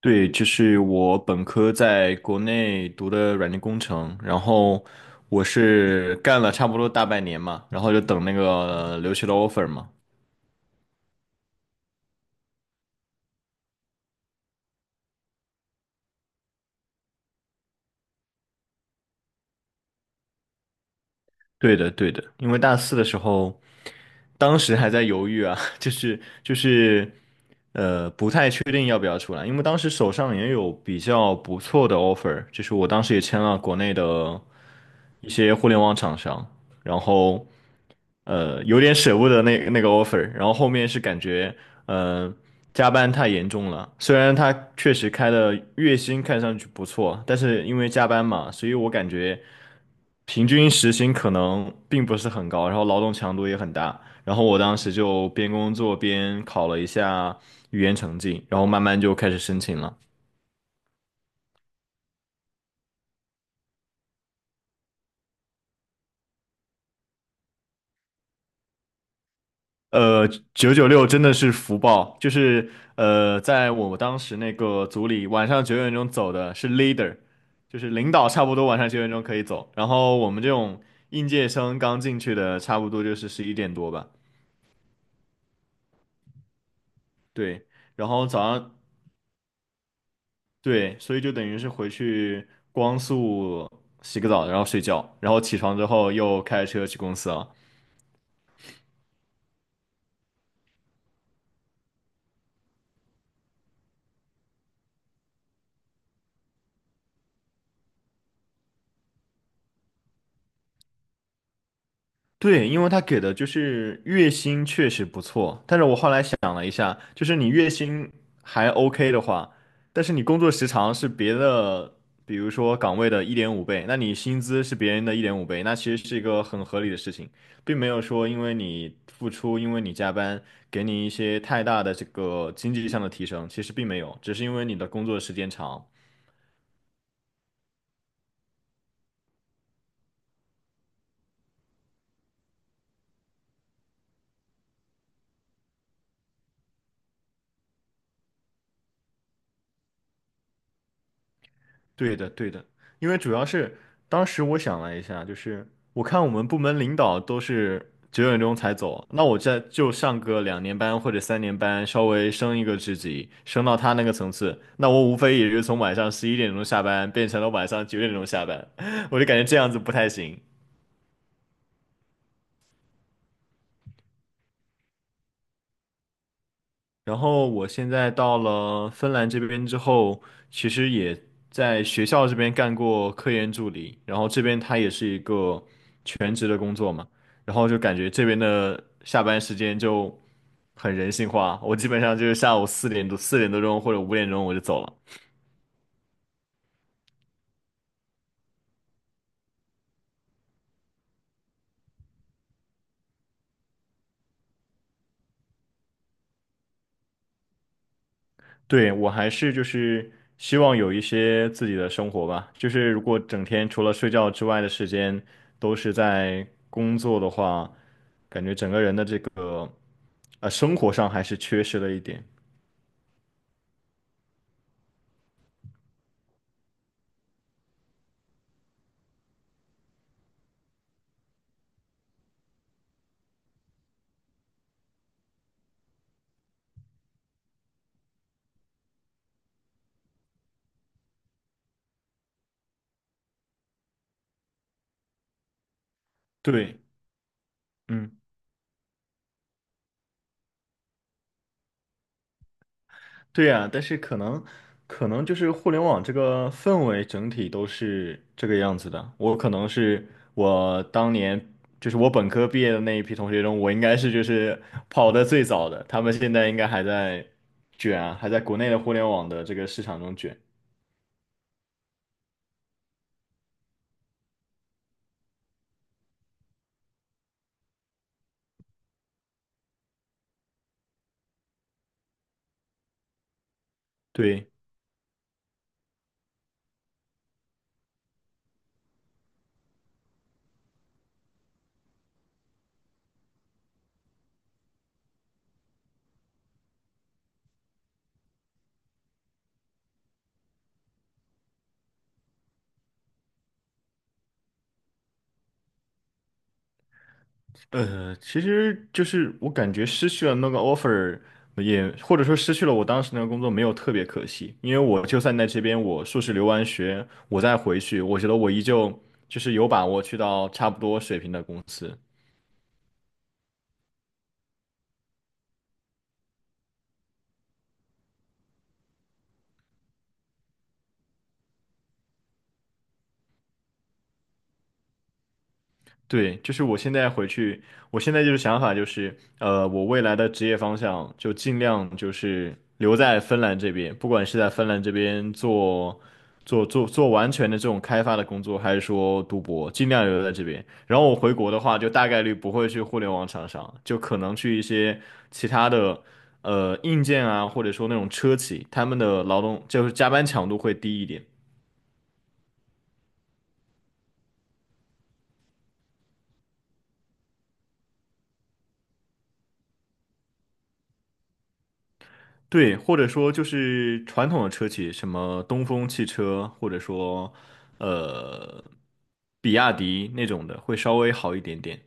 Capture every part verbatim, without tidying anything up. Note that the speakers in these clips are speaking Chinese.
对，就是我本科在国内读的软件工程，然后我是干了差不多大半年嘛，然后就等那个留学的 offer 嘛。对的，对的，因为大四的时候，当时还在犹豫啊，就是就是，呃，不太确定要不要出来，因为当时手上也有比较不错的 offer，就是我当时也签了国内的一些互联网厂商，然后。呃，有点舍不得那那个 offer，然后后面是感觉，呃，加班太严重了。虽然他确实开的月薪看上去不错，但是因为加班嘛，所以我感觉平均时薪可能并不是很高，然后劳动强度也很大。然后我当时就边工作边考了一下语言成绩，然后慢慢就开始申请了。呃，九九六真的是福报，就是呃，在我当时那个组里，晚上九点钟走的是 leader，就是领导，差不多晚上九点钟可以走。然后我们这种应届生刚进去的，差不多就是十一点多吧。对，然后早上对，所以就等于是回去光速洗个澡，然后睡觉，然后起床之后又开车去公司了。对，因为他给的就是月薪确实不错，但是我后来想了一下，就是你月薪还 OK 的话，但是你工作时长是别的，比如说岗位的一点五倍，那你薪资是别人的一点五倍，那其实是一个很合理的事情，并没有说因为你付出，因为你加班，给你一些太大的这个经济上的提升，其实并没有，只是因为你的工作时间长。对的，对的，因为主要是当时我想了一下，就是我看我们部门领导都是九点钟才走，那我再就上个两年班或者三年班，稍微升一个职级，升到他那个层次，那我无非也就从晚上十一点钟下班变成了晚上九点钟下班，我就感觉这样子不太行。然后我现在到了芬兰这边之后，其实也在学校这边干过科研助理，然后这边它也是一个全职的工作嘛，然后就感觉这边的下班时间就很人性化，我基本上就是下午四点多、四点多钟或者五点钟我就走了。对，我还是就是希望有一些自己的生活吧，就是如果整天除了睡觉之外的时间都是在工作的话，感觉整个人的这个。啊，生活上还是缺失了一点。对，嗯，对呀，但是可能，可能就是互联网这个氛围整体都是这个样子的。我可能是我当年，就是我本科毕业的那一批同学中，我应该是就是跑的最早的，他们现在应该还在卷啊，还在国内的互联网的这个市场中卷。对。呃，其实就是我感觉失去了那个 offer，也或者说失去了我当时那个工作，没有特别可惜，因为我就算在这边我硕士留完学，我再回去，我觉得我依旧就是有把握去到差不多水平的公司。对，就是我现在回去，我现在就是想法就是，呃，我未来的职业方向就尽量就是留在芬兰这边，不管是在芬兰这边做做做做完全的这种开发的工作，还是说读博，尽量留在这边。然后我回国的话，就大概率不会去互联网厂商，就可能去一些其他的呃硬件啊，或者说那种车企，他们的劳动就是加班强度会低一点。对，或者说就是传统的车企，什么东风汽车，或者说呃比亚迪那种的，会稍微好一点点。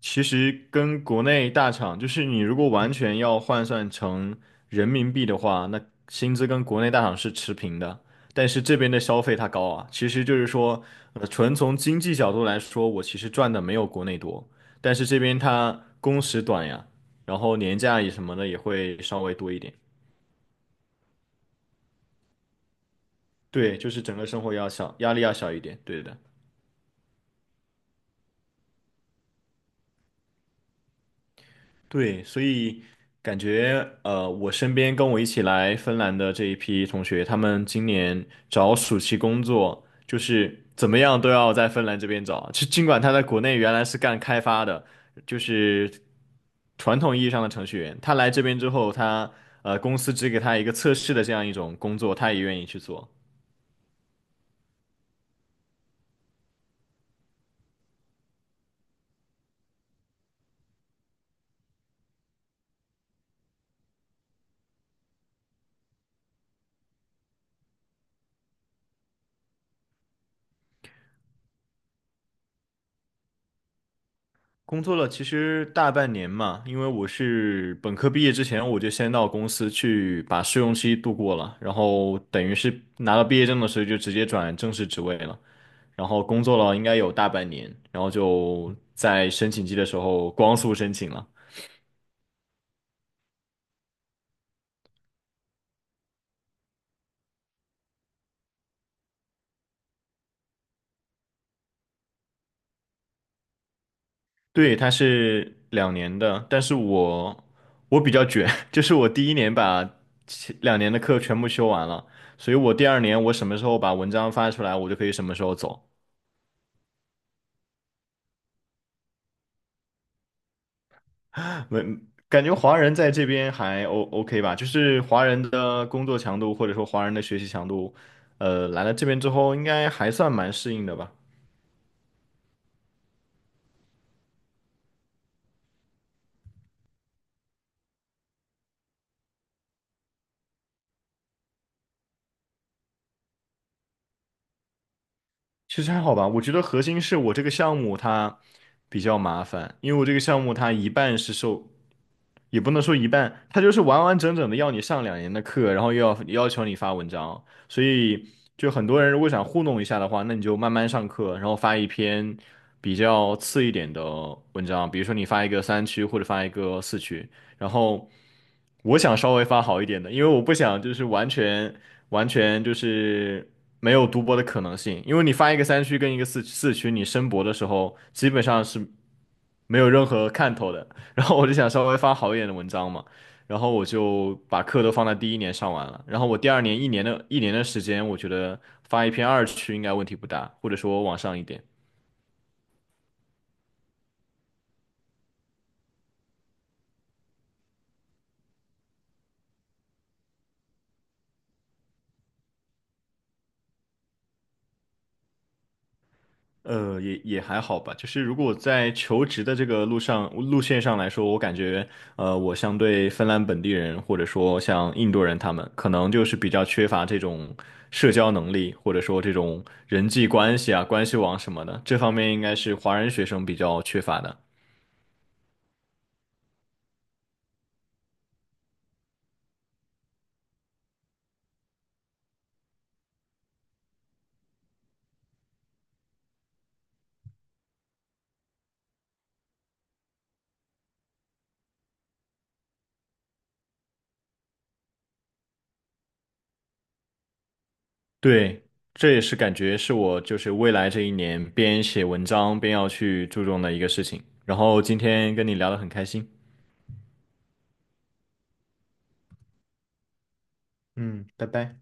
其实跟国内大厂，就是你如果完全要换算成人民币的话，那薪资跟国内大厂是持平的，但是这边的消费它高啊。其实就是说，呃，纯从经济角度来说，我其实赚的没有国内多，但是这边它工时短呀，然后年假也什么的也会稍微多一点。对，就是整个生活要小，压力要小一点。对的，对，所以感觉呃，我身边跟我一起来芬兰的这一批同学，他们今年找暑期工作，就是怎么样都要在芬兰这边找。就尽管他在国内原来是干开发的，就是传统意义上的程序员，他来这边之后，他呃公司只给他一个测试的这样一种工作，他也愿意去做。工作了其实大半年嘛，因为我是本科毕业之前，我就先到公司去把试用期度过了，然后等于是拿到毕业证的时候就直接转正式职位了，然后工作了应该有大半年，然后就在申请季的时候光速申请了。对，他是两年的，但是我我比较卷，就是我第一年把前两年的课全部修完了，所以我第二年我什么时候把文章发出来，我就可以什么时候走。没，感觉华人在这边还 O OK 吧，就是华人的工作强度或者说华人的学习强度，呃，来了这边之后应该还算蛮适应的吧。其实还好吧，我觉得核心是我这个项目它比较麻烦，因为我这个项目它一半是受也不能说一半，他就是完完整整的要你上两年的课，然后又要要求你发文章，所以就很多人如果想糊弄一下的话，那你就慢慢上课，然后发一篇比较次一点的文章，比如说你发一个三区或者发一个四区，然后我想稍微发好一点的，因为我不想就是完全完全就是没有读博的可能性，因为你发一个三区跟一个四四区，你申博的时候基本上是没有任何看头的。然后我就想稍微发好一点的文章嘛，然后我就把课都放在第一年上完了，然后我第二年一年的一年的时间，我觉得发一篇二区应该问题不大，或者说往上一点，呃，也也还好吧。就是如果我在求职的这个路上路线上来说，我感觉呃，我相对芬兰本地人或者说像印度人他们，可能就是比较缺乏这种社交能力，或者说这种人际关系啊、关系网什么的，这方面应该是华人学生比较缺乏的。对，这也是感觉是我就是未来这一年边写文章边要去注重的一个事情。然后今天跟你聊得很开心。嗯，拜拜。